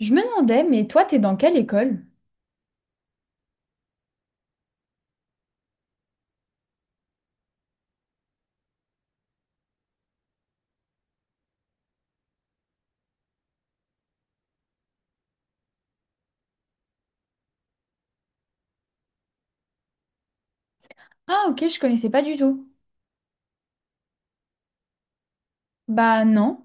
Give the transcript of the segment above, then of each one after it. Je me demandais, mais toi, t'es dans quelle école? Ah, ok, je connaissais pas du tout. Bah non.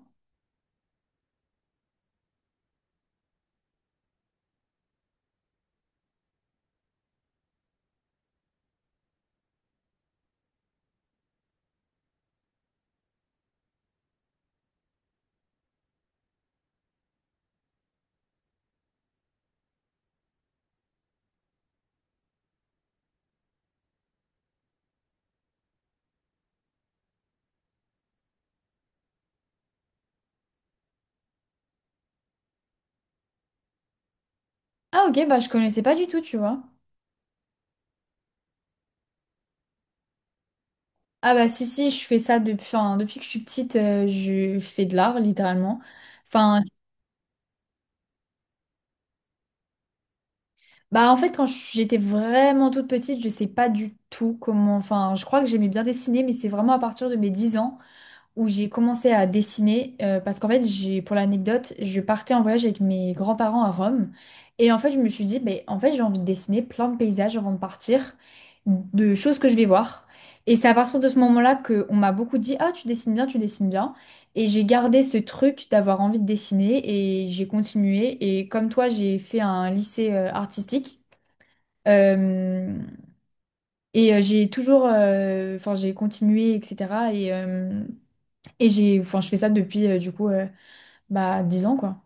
Ah, ok, bah je connaissais pas du tout, tu vois. Ah bah si, si, je fais ça depuis, enfin, depuis que je suis petite, je fais de l'art, littéralement. Enfin, bah en fait, quand j'étais vraiment toute petite, je sais pas du tout comment, enfin, je crois que j'aimais bien dessiner, mais c'est vraiment à partir de mes 10 ans, où j'ai commencé à dessiner parce qu'en fait j'ai, pour l'anecdote, je partais en voyage avec mes grands-parents à Rome, et en fait je me suis dit mais en fait j'ai envie de dessiner plein de paysages avant de partir, de choses que je vais voir. Et c'est à partir de ce moment-là que on m'a beaucoup dit ah tu dessines bien, tu dessines bien, et j'ai gardé ce truc d'avoir envie de dessiner, et j'ai continué, et comme toi j'ai fait un lycée artistique. Euh, et j'ai toujours, enfin j'ai continué, etc. Et, euh, et j'ai, enfin, je fais ça depuis du coup, bah, dix ans quoi.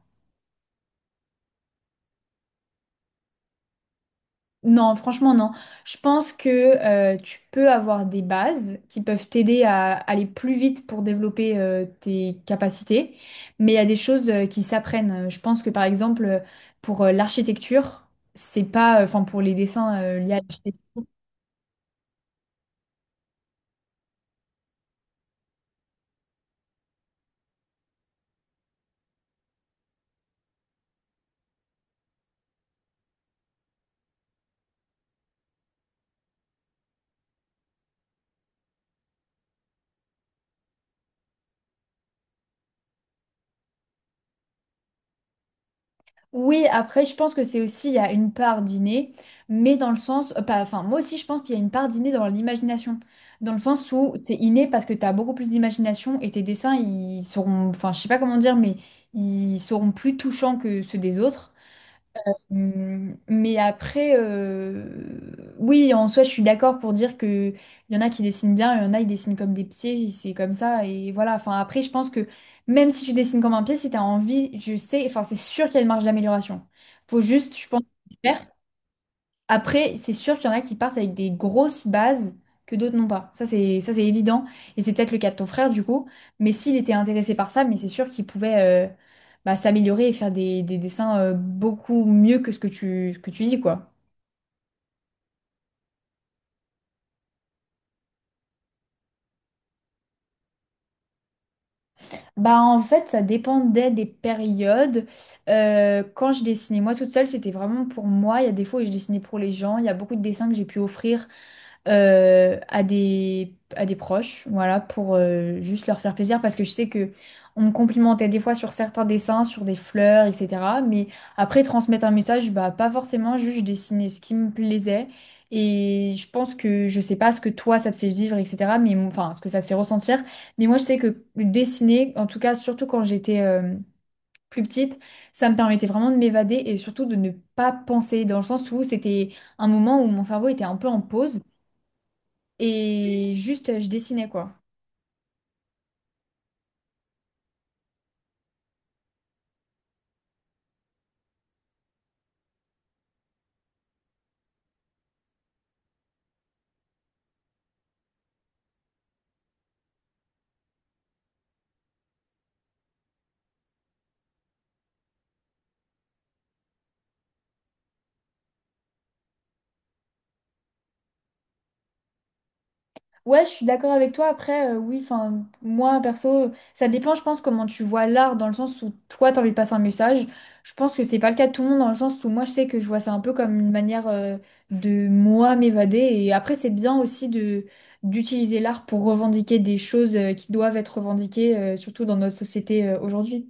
Non, franchement, non. Je pense que tu peux avoir des bases qui peuvent t'aider à aller plus vite pour développer tes capacités, mais il y a des choses qui s'apprennent. Je pense que par exemple, pour l'architecture, c'est pas, enfin, pour les dessins liés à l'architecture. Oui, après, je pense que c'est aussi, il y a une part d'inné, mais dans le sens, pas, enfin, moi aussi, je pense qu'il y a une part d'inné dans l'imagination, dans le sens où c'est inné parce que tu as beaucoup plus d'imagination et tes dessins, ils seront, enfin, je sais pas comment dire, mais ils seront plus touchants que ceux des autres. Mais après, oui, en soi, je suis d'accord pour dire que il y en a qui dessinent bien, il y en a qui dessinent comme des pieds, c'est comme ça, et voilà. Enfin, après, je pense que même si tu dessines comme un pied, si tu as envie, je sais, enfin, c'est sûr qu'il y a une marge d'amélioration. Faut juste, je pense, faire. Après, c'est sûr qu'il y en a qui partent avec des grosses bases que d'autres n'ont pas. Ça, c'est évident. Et c'est peut-être le cas de ton frère, du coup. Mais s'il était intéressé par ça, mais c'est sûr qu'il pouvait, bah, s'améliorer et faire des dessins beaucoup mieux que ce que tu dis, quoi. Bah en fait, ça dépendait des périodes. Quand je dessinais moi toute seule, c'était vraiment pour moi. Il y a des fois où je dessinais pour les gens. Il y a beaucoup de dessins que j'ai pu offrir à des proches, voilà, pour juste leur faire plaisir. Parce que je sais que on me complimentait des fois sur certains dessins, sur des fleurs, etc. Mais après, transmettre un message, bah pas forcément, juste je dessinais ce qui me plaisait. Et je pense que, je sais pas ce que toi ça te fait vivre, etc. Mais enfin, ce que ça te fait ressentir. Mais moi, je sais que dessiner, en tout cas, surtout quand j'étais, plus petite, ça me permettait vraiment de m'évader et surtout de ne pas penser, dans le sens où c'était un moment où mon cerveau était un peu en pause, et juste je dessinais, quoi. Ouais, je suis d'accord avec toi. Après, oui, enfin, moi, perso, ça dépend, je pense, comment tu vois l'art, dans le sens où toi, t'as envie de passer un message. Je pense que c'est pas le cas de tout le monde, dans le sens où moi, je sais que je vois ça un peu comme une manière de moi m'évader. Et après, c'est bien aussi de d'utiliser l'art pour revendiquer des choses qui doivent être revendiquées, surtout dans notre société aujourd'hui.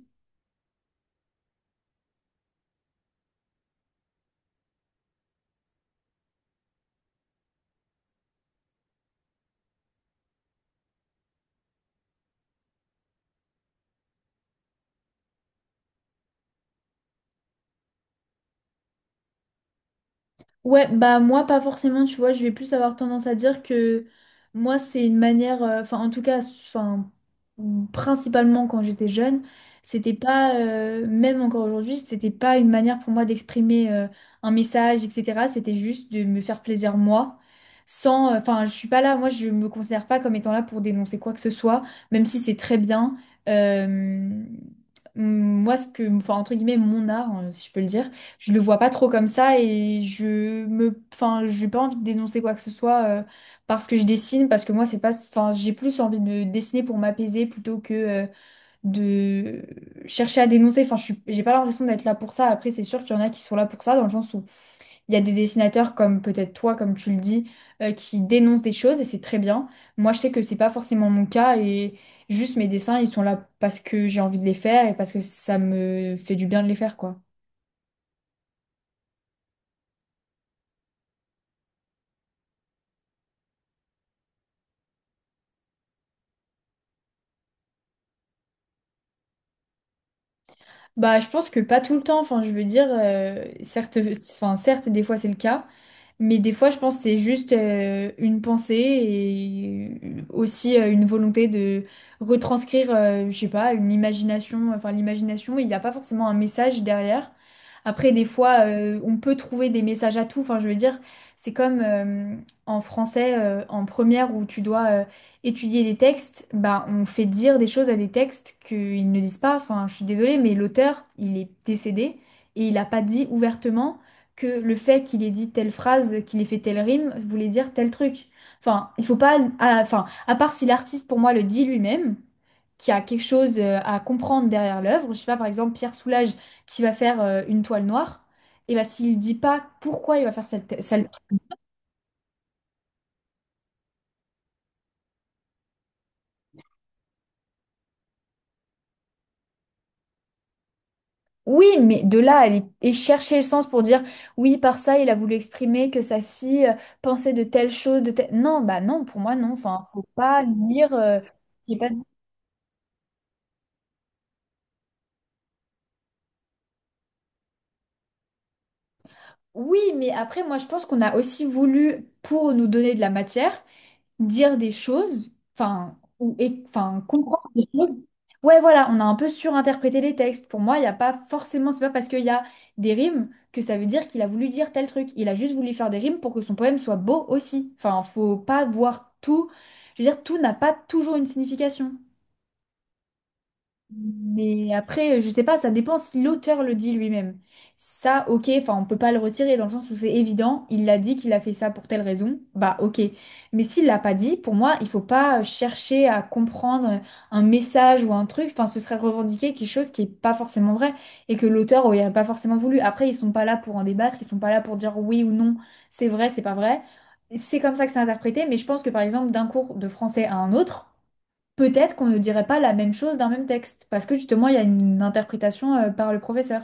Ouais, bah moi pas forcément, tu vois, je vais plus avoir tendance à dire que moi c'est une manière, enfin en tout cas, enfin principalement quand j'étais jeune, c'était pas, même encore aujourd'hui, c'était pas une manière pour moi d'exprimer un message, etc. C'était juste de me faire plaisir moi, sans, enfin je suis pas là, moi je me considère pas comme étant là pour dénoncer quoi que ce soit, même si c'est très bien. Euh, moi ce que, enfin entre guillemets mon art, hein, si je peux le dire, je le vois pas trop comme ça, et je me enfin j'ai pas envie de dénoncer quoi que ce soit, parce que je dessine, parce que moi c'est pas, enfin j'ai plus envie de dessiner pour m'apaiser plutôt que de chercher à dénoncer, enfin je suis j'ai pas l'impression d'être là pour ça. Après c'est sûr qu'il y en a qui sont là pour ça, dans le sens où il y a des dessinateurs comme peut-être toi, comme tu le dis, qui dénoncent des choses, et c'est très bien. Moi je sais que c'est pas forcément mon cas, et juste mes dessins ils sont là parce que j'ai envie de les faire, et parce que ça me fait du bien de les faire, quoi. Bah, je pense que pas tout le temps. Enfin, je veux dire, certes, enfin, certes, des fois c'est le cas, mais des fois, je pense que c'est juste une pensée, et aussi une volonté de retranscrire, je sais pas, une imagination, enfin l'imagination, il n'y a pas forcément un message derrière. Après, des fois, on peut trouver des messages à tout. Enfin, je veux dire, c'est comme en français, en première, où tu dois étudier des textes, ben, on fait dire des choses à des textes qu'ils ne disent pas. Enfin, je suis désolée, mais l'auteur, il est décédé, et il n'a pas dit ouvertement que le fait qu'il ait dit telle phrase, qu'il ait fait telle rime, voulait dire tel truc. Enfin, il faut pas... Enfin, à part si l'artiste, pour moi, le dit lui-même, qu'il y a quelque chose à comprendre derrière l'œuvre. Je sais pas, par exemple, Pierre Soulages qui va faire une toile noire, et ben s'il dit pas pourquoi il va faire cette... Oui, mais de là, à aller et chercher le sens pour dire, oui, par ça, il a voulu exprimer que sa fille, pensait de telle chose, de telle... Non, bah non, pour moi, non. Enfin, faut pas lire... je sais pas. Oui, mais après, moi, je pense qu'on a aussi voulu, pour nous donner de la matière, dire des choses, enfin, ou, et, enfin, comprendre des choses. Ouais, voilà, on a un peu surinterprété les textes. Pour moi, il n'y a pas forcément, c'est pas parce qu'il y a des rimes que ça veut dire qu'il a voulu dire tel truc. Il a juste voulu faire des rimes pour que son poème soit beau aussi. Enfin, faut pas voir tout. Je veux dire, tout n'a pas toujours une signification. Mais après, je sais pas, ça dépend si l'auteur le dit lui-même. Ça, ok, enfin, on peut pas le retirer dans le sens où c'est évident, il l'a dit qu'il a fait ça pour telle raison, bah ok. Mais s'il l'a pas dit, pour moi, il faut pas chercher à comprendre un message ou un truc, enfin, ce serait revendiquer quelque chose qui est pas forcément vrai et que l'auteur aurait pas forcément voulu. Après, ils sont pas là pour en débattre, ils sont pas là pour dire oui ou non, c'est vrai, c'est pas vrai. C'est comme ça que c'est interprété, mais je pense que par exemple, d'un cours de français à un autre, peut-être qu'on ne dirait pas la même chose d'un même texte, parce que justement, il y a une interprétation par le professeur.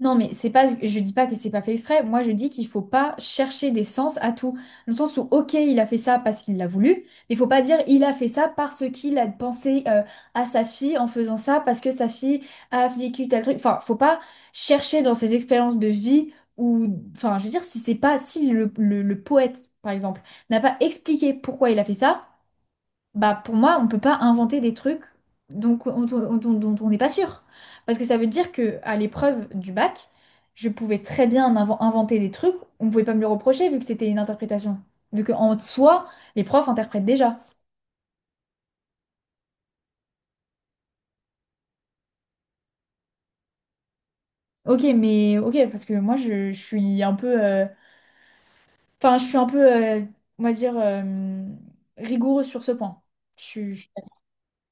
Non, mais c'est pas, je dis pas que c'est pas fait exprès. Moi, je dis qu'il faut pas chercher des sens à tout. Dans le sens où, ok, il a fait ça parce qu'il l'a voulu, mais il faut pas dire il a fait ça parce qu'il a pensé, à sa fille en faisant ça parce que sa fille a vécu tel truc. Enfin, faut pas chercher dans ses expériences de vie, ou, enfin, je veux dire, si c'est pas, si le poète, par exemple, n'a pas expliqué pourquoi il a fait ça. Bah pour moi, on peut pas inventer des trucs donc, dont on n'est pas sûr. Parce que ça veut dire que à l'épreuve du bac, je pouvais très bien inventer des trucs, on pouvait pas me le reprocher vu que c'était une interprétation. Vu qu'en soi, les profs interprètent déjà. Ok, mais ok, parce que moi je suis un peu. Enfin, je suis un peu, on va dire, rigoureuse sur ce point.